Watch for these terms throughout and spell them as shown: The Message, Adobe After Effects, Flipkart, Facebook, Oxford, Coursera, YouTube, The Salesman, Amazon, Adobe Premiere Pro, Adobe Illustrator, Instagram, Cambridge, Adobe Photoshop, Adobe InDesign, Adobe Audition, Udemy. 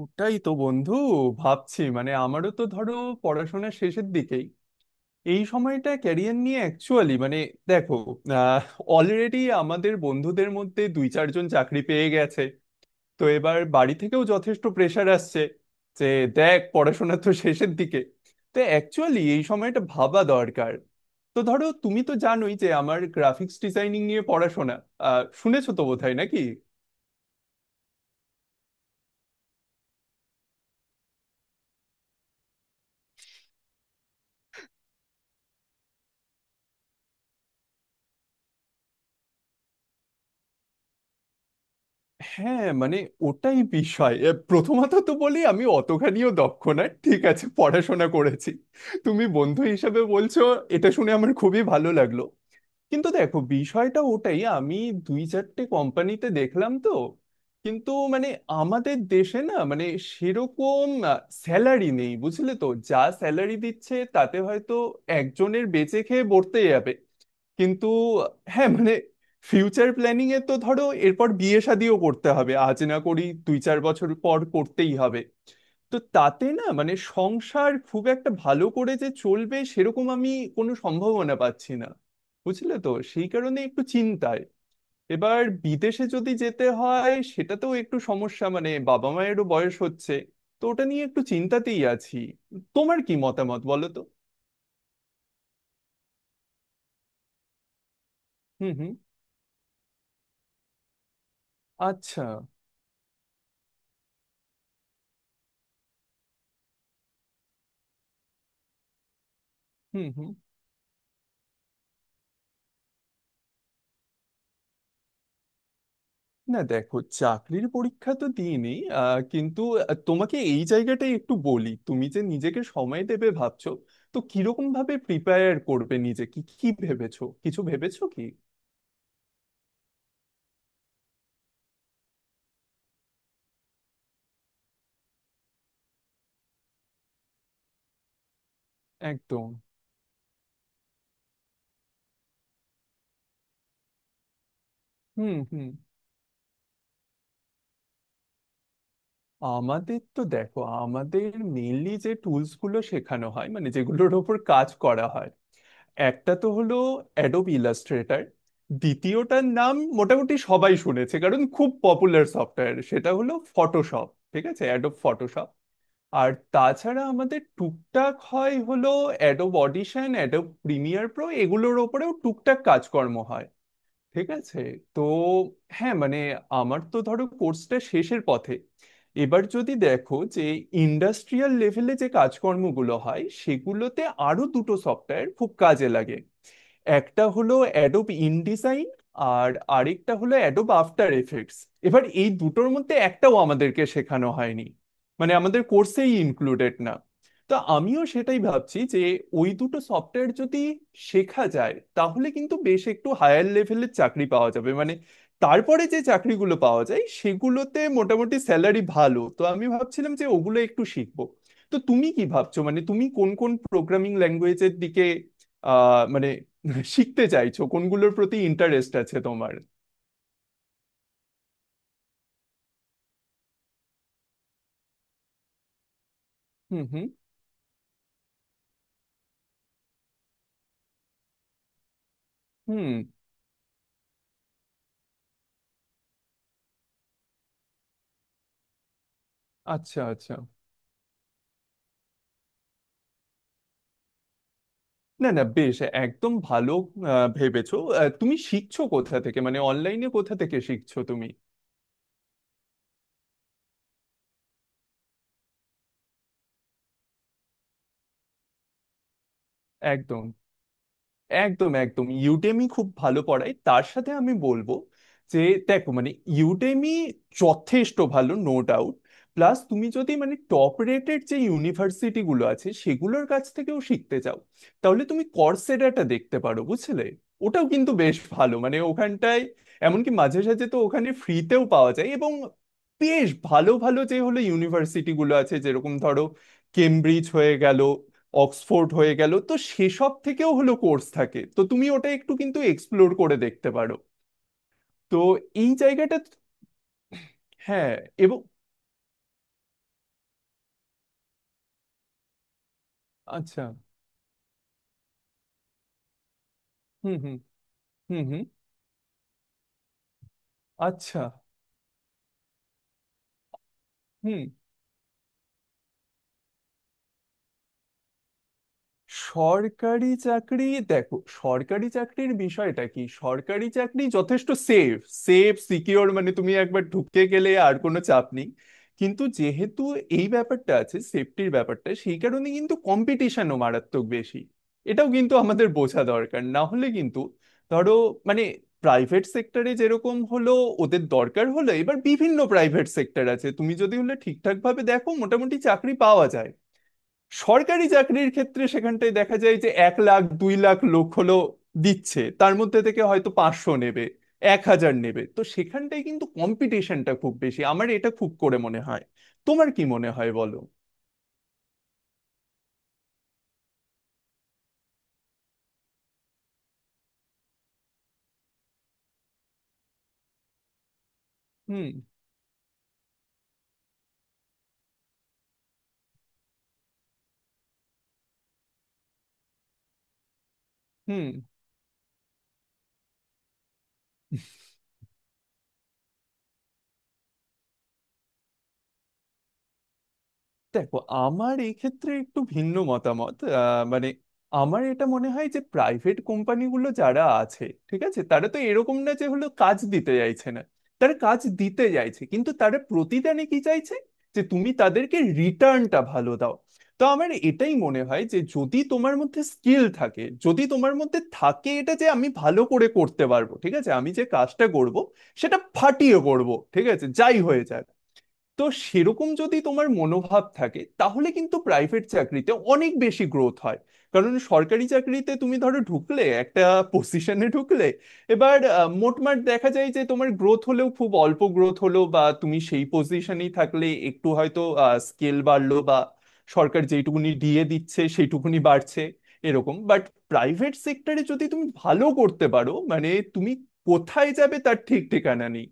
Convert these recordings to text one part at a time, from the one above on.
ওটাই তো বন্ধু, ভাবছি। মানে, আমারও তো ধরো পড়াশোনা শেষের দিকেই। এই সময়টা ক্যারিয়ার নিয়ে অ্যাকচুয়ালি মানে দেখো, অলরেডি আমাদের বন্ধুদের মধ্যে 2-4 জন চাকরি পেয়ে গেছে। তো এবার বাড়ি থেকেও যথেষ্ট প্রেশার আসছে যে দেখ, পড়াশোনা তো শেষের দিকে, তো অ্যাকচুয়ালি এই সময়টা ভাবা দরকার। তো ধরো, তুমি তো জানোই যে আমার গ্রাফিক্স ডিজাইনিং নিয়ে পড়াশোনা। শুনেছো তো বোধহয় নাকি? হ্যাঁ মানে ওটাই বিষয়, প্রথমত তো বলি, আমি অতখানিও দক্ষ না। ঠিক আছে, পড়াশোনা করেছি। তুমি বন্ধু হিসাবে বলছো, এটা শুনে আমার খুবই ভালো লাগলো। কিন্তু দেখো, বিষয়টা ওটাই। আমি 2-4টে কোম্পানিতে দেখলাম তো, কিন্তু মানে আমাদের দেশে না মানে সেরকম স্যালারি নেই। বুঝলে তো, যা স্যালারি দিচ্ছে তাতে হয়তো একজনের বেঁচে খেয়ে বর্তে যাবে। কিন্তু হ্যাঁ মানে, ফিউচার প্ল্যানিং এ তো ধরো এরপর বিয়ে শাদিও করতে হবে। আজ না করি, 2-4 বছর পর করতেই হবে। তো তাতে না মানে সংসার খুব একটা ভালো করে যে চলবে সেরকম আমি কোনো সম্ভাবনা পাচ্ছি না। বুঝলে তো, সেই কারণে একটু চিন্তায়। এবার বিদেশে যদি যেতে হয় সেটাতেও একটু সমস্যা, মানে বাবা মায়েরও বয়স হচ্ছে। তো ওটা নিয়ে একটু চিন্তাতেই আছি। তোমার কি মতামত বলো তো? হুম হুম। আচ্ছা। হুম হুম। না দেখো, চাকরির পরীক্ষা তো দিইনি। কিন্তু তোমাকে এই জায়গাটাই একটু বলি, তুমি যে নিজেকে সময় দেবে ভাবছো, তো কিরকম ভাবে প্রিপেয়ার করবে নিজে? কি কি ভেবেছো, কিছু ভেবেছো কি? একদম। হুম হুম। আমাদের তো দেখো, আমাদের মেইনলি যে টুলস গুলো শেখানো হয়, মানে যেগুলোর ওপর কাজ করা হয়, একটা তো হলো অ্যাডোব ইলাস্ট্রেটর। দ্বিতীয়টার নাম মোটামুটি সবাই শুনেছে কারণ খুব পপুলার সফটওয়্যার, সেটা হলো ফটোশপ। ঠিক আছে, অ্যাডোব ফটোশপ। আর তাছাড়া আমাদের টুকটাক হয় হলো Adobe Audition, Adobe Premiere Pro, এগুলোর ওপরেও টুকটাক কাজকর্ম হয়। ঠিক আছে। তো হ্যাঁ মানে, আমার তো ধরো কোর্সটা শেষের পথে। এবার যদি দেখো যে ইন্ডাস্ট্রিয়াল লেভেলে যে কাজকর্মগুলো হয় সেগুলোতে আরো দুটো সফটওয়্যার খুব কাজে লাগে। একটা হলো অ্যাডোব ইনডিজাইন, আর আরেকটা হলো অ্যাডোব আফটার এফেক্টস। এবার এই দুটোর মধ্যে একটাও আমাদেরকে শেখানো হয়নি, মানে আমাদের কোর্সেই ইনক্লুডেড না। তো আমিও সেটাই ভাবছি যে ওই দুটো সফটওয়্যার যদি শেখা যায় তাহলে কিন্তু বেশ একটু হায়ার লেভেলের চাকরি পাওয়া যাবে। মানে তারপরে যে চাকরিগুলো পাওয়া যায় সেগুলোতে মোটামুটি স্যালারি ভালো, তো আমি ভাবছিলাম যে ওগুলো একটু শিখবো। তো তুমি কি ভাবছো মানে তুমি কোন কোন প্রোগ্রামিং ল্যাঙ্গুয়েজের দিকে মানে শিখতে চাইছো? কোনগুলোর প্রতি ইন্টারেস্ট আছে তোমার? হুম হুম। হুম। আচ্ছা আচ্ছা। না না, বেশ, একদম ভালো। ভেবেছো? তুমি শিখছো কোথা থেকে, মানে অনলাইনে কোথা থেকে শিখছো তুমি? একদম, একদম। একদম, ইউডেমি খুব ভালো পড়ায়। তার সাথে আমি বলবো যে দেখো মানে ইউডেমি যথেষ্ট ভালো, নো ডাউট। প্লাস তুমি যদি মানে টপ রেটেড যে ইউনিভার্সিটি গুলো আছে সেগুলোর কাছ থেকেও শিখতে চাও, তাহলে তুমি কর্সেডাটা দেখতে পারো, বুঝলে। ওটাও কিন্তু বেশ ভালো, মানে ওখানটায় এমনকি মাঝে সাঝে তো ওখানে ফ্রিতেও পাওয়া যায়। এবং বেশ ভালো ভালো যে হলো ইউনিভার্সিটি গুলো আছে, যেরকম ধরো কেমব্রিজ হয়ে গেল, অক্সফোর্ড হয়ে গেল, তো সেসব থেকেও হলো কোর্স থাকে। তো তুমি ওটা একটু কিন্তু এক্সপ্লোর করে দেখতে পারো। তো এই জায়গাটা। হ্যাঁ। এবং। আচ্ছা। হুম হুম। হুম হুম। আচ্ছা। হুম। সরকারি চাকরি। দেখো, সরকারি চাকরির বিষয়টা কি, সরকারি চাকরি যথেষ্ট সেফ, সেফ সিকিওর। মানে তুমি একবার ঢুকে গেলে আর কোনো চাপ নেই। কিন্তু যেহেতু এই ব্যাপারটা আছে, সেফটির ব্যাপারটা, সেই কারণে কিন্তু কম্পিটিশনও মারাত্মক বেশি। এটাও কিন্তু আমাদের বোঝা দরকার, না হলে কিন্তু ধরো মানে প্রাইভেট সেক্টরে যেরকম হলো ওদের দরকার হলো, এবার বিভিন্ন প্রাইভেট সেক্টর আছে, তুমি যদি হলে ঠিকঠাক ভাবে দেখো মোটামুটি চাকরি পাওয়া যায়। সরকারি চাকরির ক্ষেত্রে সেখানটায় দেখা যায় যে 1-2 লাখ লোক হলো দিচ্ছে, তার মধ্যে থেকে হয়তো 500 নেবে, 1,000 নেবে। তো সেখানটায় কিন্তু কম্পিটিশনটা খুব বেশি, আমার এটা খুব করে মনে হয়। তোমার কি মনে হয় বলো? হুম হুম। দেখো, আমার এই ক্ষেত্রে একটু ভিন্ন মতামত। মানে আমার এটা মনে হয় যে প্রাইভেট কোম্পানিগুলো যারা আছে, ঠিক আছে, তারা তো এরকম না যে হলো কাজ দিতে চাইছে না, তারা কাজ দিতে চাইছে, কিন্তু তারা প্রতিদানে কি চাইছে, যে তুমি তাদেরকে রিটার্নটা ভালো দাও। তো আমার এটাই মনে হয় যে যদি তোমার মধ্যে স্কিল থাকে, যদি তোমার মধ্যে থাকে এটা যে আমি ভালো করে করতে পারবো, ঠিক আছে, আমি যে কাজটা করব সেটা ফাটিয়ে করব, ঠিক আছে, যাই হয়ে যাক। তো সেরকম যদি তোমার মনোভাব থাকে তাহলে কিন্তু প্রাইভেট চাকরিতে অনেক বেশি গ্রোথ হয়। কারণ সরকারি চাকরিতে তুমি ধরো ঢুকলে একটা পজিশনে ঢুকলে, এবার মোটমাট দেখা যায় যে তোমার গ্রোথ হলেও খুব অল্প গ্রোথ হলো, বা তুমি সেই পজিশনেই থাকলে, একটু হয়তো স্কেল বাড়লো, বা সরকার যেটুকুনি দিয়ে দিচ্ছে সেইটুকুনি বাড়ছে এরকম। বাট প্রাইভেট সেক্টরে যদি তুমি ভালো করতে পারো মানে তুমি কোথায় যাবে তার ঠিক ঠিকানা নেই,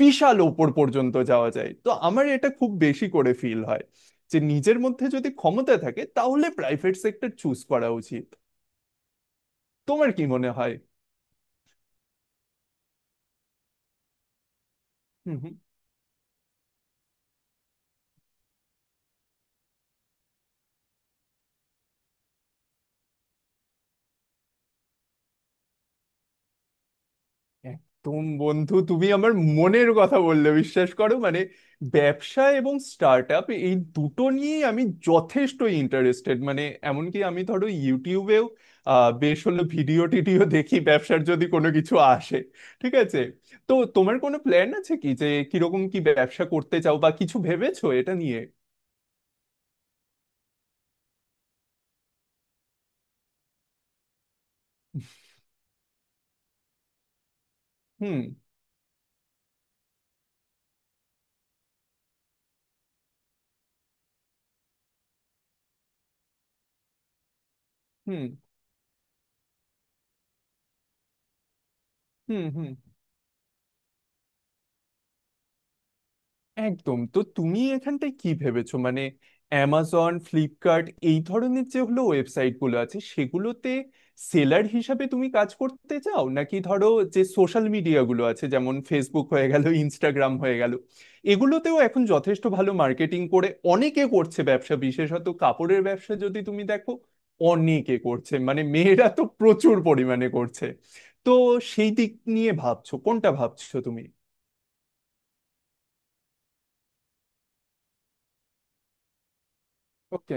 বিশাল ওপর পর্যন্ত যাওয়া যায়। তো আমার এটা খুব বেশি করে ফিল হয় যে নিজের মধ্যে যদি ক্ষমতা থাকে তাহলে প্রাইভেট সেক্টর চুজ করা উচিত। তোমার কি মনে হয়? হুম, হুম। একদম বন্ধু, তুমি আমার মনের কথা বললে, বিশ্বাস করো। মানে ব্যবসা এবং স্টার্ট আপ, এই দুটো নিয়েই আমি যথেষ্ট ইন্টারেস্টেড। মানে এমনকি আমি ধরো ইউটিউবেও বেশ হলো ভিডিও টিডিও দেখি, ব্যবসার যদি কোনো কিছু আসে। ঠিক আছে। তো তোমার কোনো প্ল্যান আছে কি যে কিরকম কি ব্যবসা করতে চাও, বা কিছু ভেবেছো এটা নিয়ে? হুম হুম। হুম হুম। একদম। তো তুমি এখানটায় কি ভেবেছো, মানে অ্যামাজন, ফ্লিপকার্ট, এই ধরনের যে হলো ওয়েবসাইট গুলো আছে সেগুলোতে সেলার হিসাবে তুমি কাজ করতে চাও, নাকি ধরো যে সোশ্যাল মিডিয়া গুলো আছে, যেমন ফেসবুক হয়ে গেল, ইনস্টাগ্রাম হয়ে গেল, এগুলোতেও এখন যথেষ্ট ভালো মার্কেটিং করে অনেকে, করছে ব্যবসা। বিশেষত কাপড়ের ব্যবসা যদি তুমি দেখো, অনেকে করছে মানে মেয়েরা তো প্রচুর পরিমাণে করছে। তো সেই দিক নিয়ে ভাবছো? কোনটা ভাবছো তুমি? ওকে।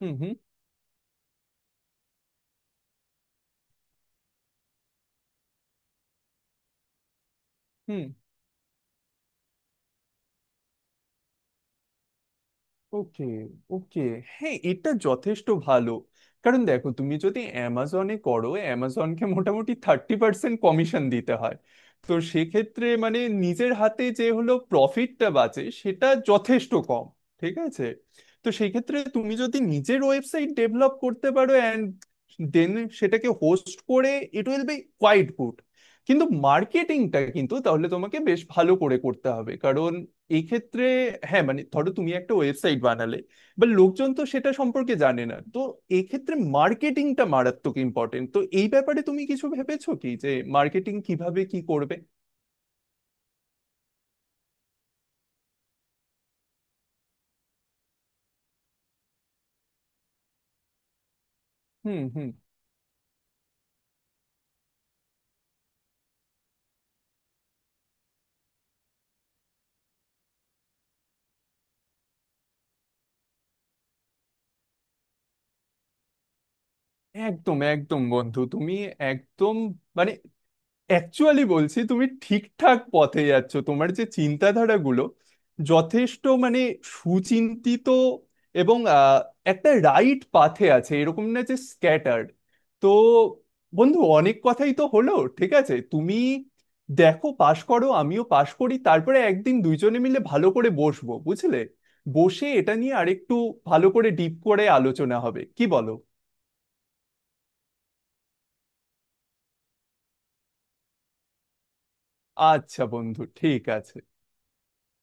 হুম হুম। হুম। ওকে, ওকে। হ্যাঁ, এটা যথেষ্ট ভালো। কারণ দেখো, তুমি যদি অ্যামাজনে করো, অ্যামাজনকে মোটামুটি 30% কমিশন দিতে হয়। তো সেক্ষেত্রে মানে নিজের হাতে যে হলো প্রফিটটা বাঁচে সেটা যথেষ্ট কম। ঠিক আছে। তো সেক্ষেত্রে তুমি যদি নিজের ওয়েবসাইট ডেভেলপ করতে পারো অ্যান্ড দেন সেটাকে হোস্ট করে, it will be quite good. কিন্তু মার্কেটিংটা কিন্তু তাহলে তোমাকে বেশ ভালো করে করতে হবে এই ক্ষেত্রে। হ্যাঁ মানে ধরো তুমি একটা ওয়েবসাইট বানালে, বা লোকজন তো সেটা সম্পর্কে জানে না। তো এই ক্ষেত্রে মার্কেটিংটা মারাত্মক ইম্পর্টেন্ট। তো এই ব্যাপারে তুমি কিছু ভেবেছো কি যে মার্কেটিং কিভাবে কি করবে? হুম হুম। একদম একদম বন্ধু, তুমি একদম মানে অ্যাকচুয়ালি বলছি, তুমি ঠিকঠাক পথে যাচ্ছ। তোমার যে চিন্তাধারাগুলো, যথেষ্ট মানে সুচিন্তিত এবং একটা রাইট পাথে আছে, এরকম না যে স্ক্যাটার্ড। তো বন্ধু, অনেক কথাই তো হলো। ঠিক আছে তুমি দেখো, পাশ করো, আমিও পাশ করি, তারপরে একদিন দুইজনে মিলে ভালো করে বসবো, বুঝলে। বসে এটা নিয়ে আরেকটু ভালো করে ডিপ করে আলোচনা হবে, কি বলো? আচ্ছা বন্ধু, ঠিক আছে।